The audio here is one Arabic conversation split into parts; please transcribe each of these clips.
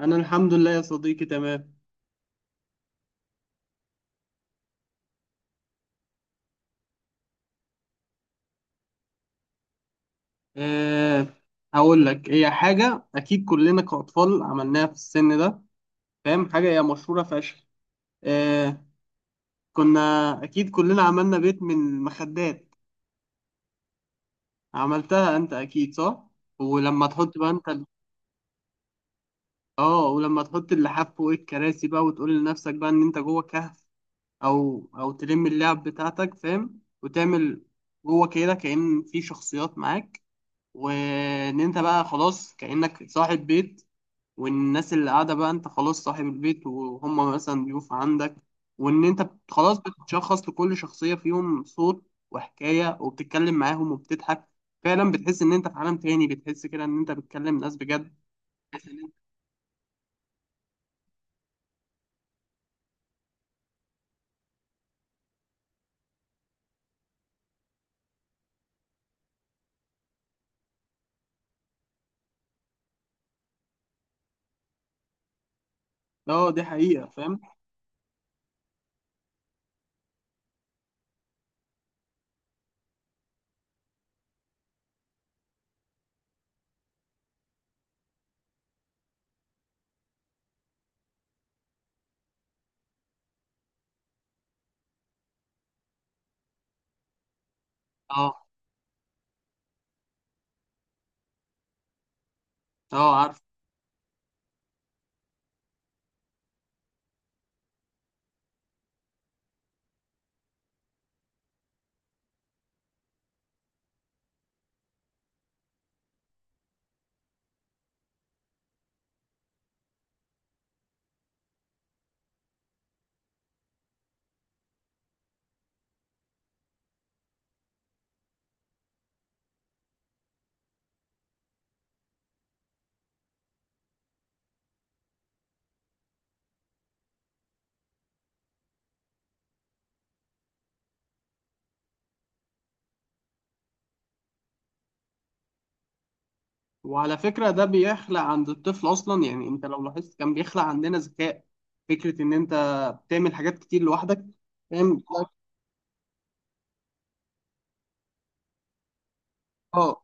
انا الحمد لله يا صديقي تمام. أه هقول لك هي حاجه اكيد كلنا كاطفال عملناها في السن ده. فاهم حاجه هي مشهوره فشخ. أه كنا اكيد كلنا عملنا بيت من المخدات. عملتها انت اكيد صح. ولما تحط بقى انت ال- اه ولما تحط اللحاف فوق الكراسي بقى وتقول لنفسك بقى ان انت جوه كهف، او تلم اللعب بتاعتك فاهم وتعمل جوه كده كأن في شخصيات معاك، وان انت بقى خلاص كأنك صاحب بيت، والناس اللي قاعدة بقى انت خلاص صاحب البيت وهم مثلا ضيوف عندك، وان انت خلاص بتشخص لكل شخصية فيهم صوت وحكاية وبتتكلم معاهم وبتضحك. فعلا بتحس ان انت في عالم تاني، بتحس كده ان انت بتكلم ناس بجد. اه، دي حقيقة فاهم. اه، اه، عارف. وعلى فكرة ده بيخلق عند الطفل اصلا، يعني انت لو لاحظت كان بيخلق عندنا ذكاء، فكرة ان انت بتعمل حاجات كتير لوحدك فاهم. اه.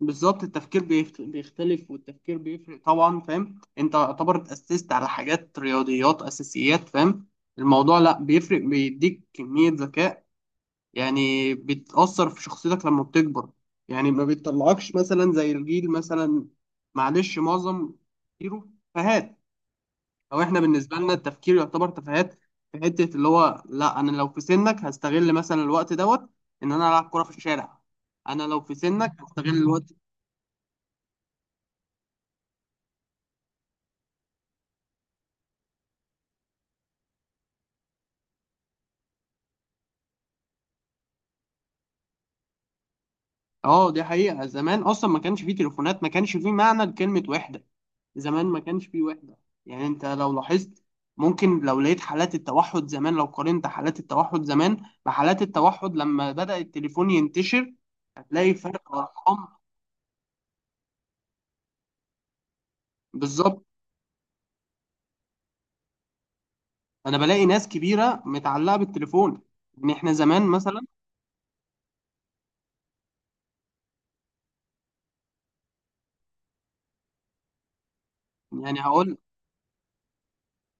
بالظبط، التفكير بيختلف، والتفكير بيفرق طبعا فاهم. انت يعتبر اتأسست على حاجات رياضيات اساسيات فاهم. الموضوع لا، بيفرق، بيديك كمية ذكاء، يعني بتأثر في شخصيتك لما بتكبر. يعني ما بتطلعكش مثلا زي الجيل مثلا، معلش، معظم تفكيره تفاهات. او احنا بالنسبة لنا التفكير يعتبر تفاهات. في حتة اللي هو، لا انا لو في سنك هستغل مثلا الوقت دوت، ان انا العب كرة في الشارع. انا لو في سنك هستغل الوقت. اه دي حقيقة، زمان اصلا ما كانش فيه تليفونات، ما كانش فيه معنى لكلمة وحدة. زمان ما كانش فيه وحدة. يعني انت لو لاحظت، ممكن لو لقيت حالات التوحد زمان، لو قارنت حالات التوحد زمان بحالات التوحد لما بدأ التليفون ينتشر، هتلاقي فرق ارقام. بالظبط. انا بلاقي ناس كبيرة متعلقة بالتليفون. ان احنا زمان مثلا، يعني هقول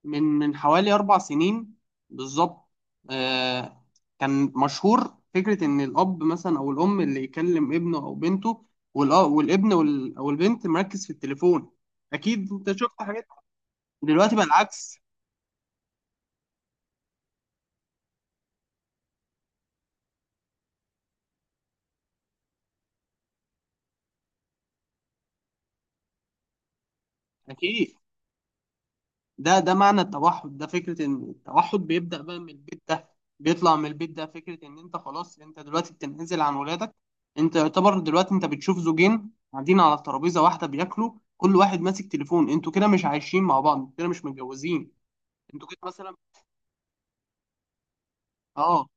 من حوالي 4 سنين. بالظبط. آه كان مشهور فكرة إن الأب مثلا أو الأم اللي يكلم ابنه أو بنته والأ- والابن أو البنت مركز في التليفون. أكيد أنت شفت حاجات. دلوقتي بقى العكس. أكيد. ده معنى التوحد، ده فكرة ان التوحد بيبدأ بقى من البيت، ده بيطلع من البيت، ده فكرة ان انت خلاص انت دلوقتي بتنعزل عن ولادك. انت يعتبر دلوقتي انت بتشوف زوجين قاعدين على ترابيزة واحدة بياكلوا، كل واحد ماسك تليفون، انتوا كده مش عايشين مع بعض، انتوا كده مش متجوزين. انتوا كده مثلا. اه.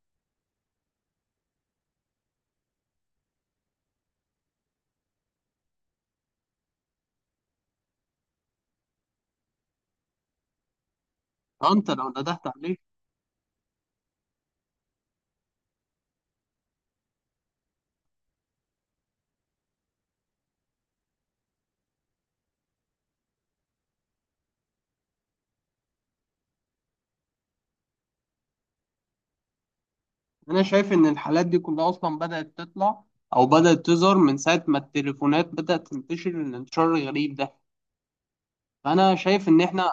انت لو ندهت عليه. انا شايف ان الحالات دي كلها اصلا بدأت تطلع، او بدأت تظهر من ساعة ما التليفونات بدأت تنتشر الانتشار الغريب ده. فانا شايف ان احنا،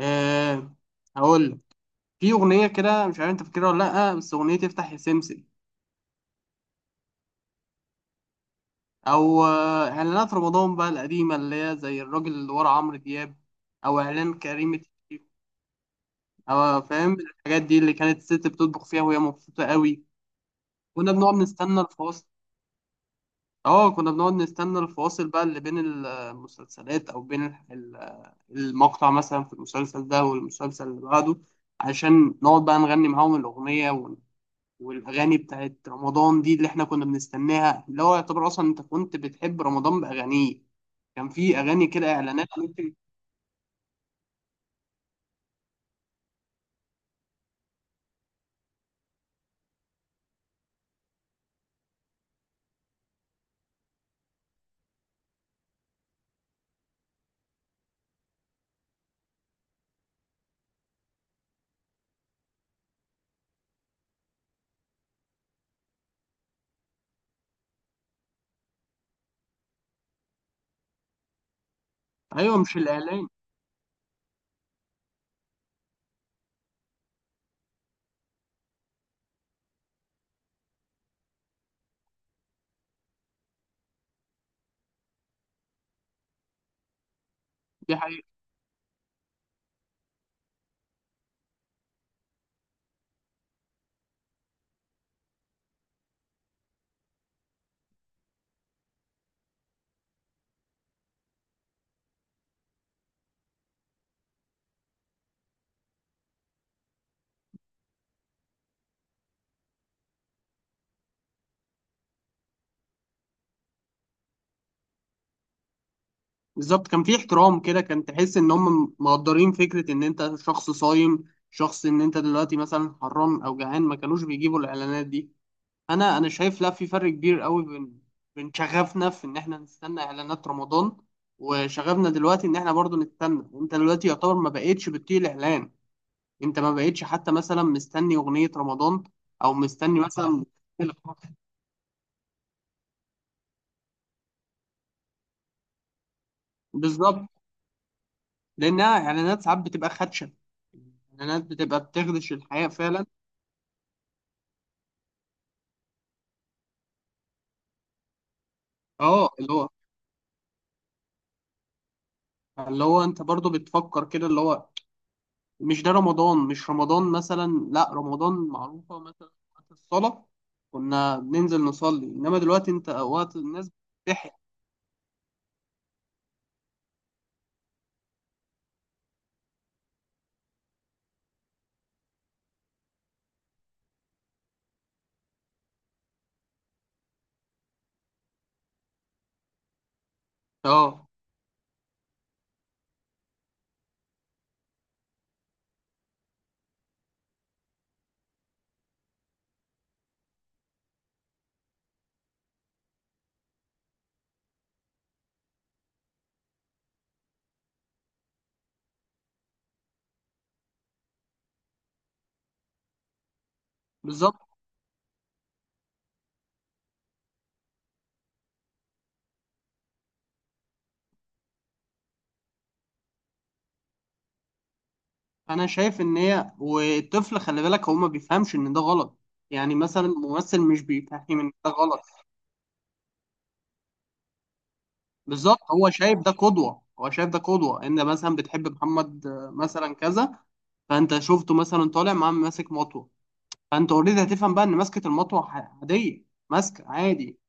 آه هقول لك، في أغنية كده مش عارف أنت فاكرها ولا لأ، بس أغنية تفتح يا سمسم. أو إعلانات رمضان بقى القديمة اللي هي زي الراجل اللي ورا عمرو دياب، أو إعلان كريم الشيف، أو فاهم الحاجات دي اللي كانت الست بتطبخ فيها وهي مبسوطة قوي. كنا بنقعد نستنى الفاصل. كنا بنقعد نستنى الفواصل بقى اللي بين المسلسلات، أو بين ال- المقطع مثلا في المسلسل ده والمسلسل اللي بعده، عشان نقعد بقى نغني معاهم الأغنية. والاغاني بتاعت رمضان دي اللي احنا كنا بنستناها، اللي هو يعتبر اصلا انت كنت بتحب رمضان باغانيه. كان في اغاني كده اعلانات ممكن. ايوه، مش الاعلان. دي حقيقة. بالظبط، كان في احترام كده، كان تحس ان هم مقدرين فكرة ان انت شخص صايم، شخص ان انت دلوقتي مثلا حران او جعان، ما كانوش بيجيبوا الاعلانات دي. انا شايف، لا، في فرق كبير قوي بين شغفنا في ان احنا نستنى اعلانات رمضان، وشغفنا دلوقتي ان احنا برضو نستنى. انت دلوقتي يعتبر ما بقتش بتطيق الاعلان. انت ما بقتش حتى مثلا مستني اغنيه رمضان، او مستني مثلا. بالظبط، لانها اعلانات ساعات بتبقى خدشه. الاعلانات بتبقى بتخدش الحياه فعلا. اه، اللي هو انت برضو بتفكر كده، اللي هو مش ده رمضان، مش رمضان مثلا، لا رمضان معروفه، مثلا وقت الصلاه كنا بننزل نصلي، انما دلوقتي انت وقت الناس بتحيا. اه. بالظبط، انا شايف ان هي والطفل خلي بالك هو ما بيفهمش ان ده غلط. يعني مثلا الممثل مش بيفهم ان ده غلط. بالظبط، هو شايف ده قدوة، هو شايف ده قدوة، ان مثلا بتحب محمد مثلا كذا، فانت شفته مثلا طالع معاه ماسك مطوة، فانت اوريدي هتفهم بقى ان ماسكة المطوة عادية. ماسك عادي.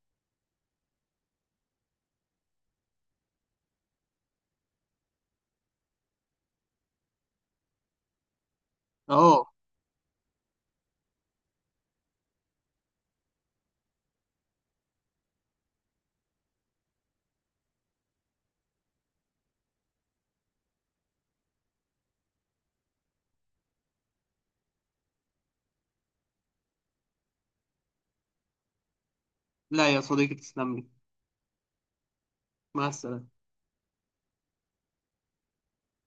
اه. لا يا صديقي، تسلم لي. مع السلامة.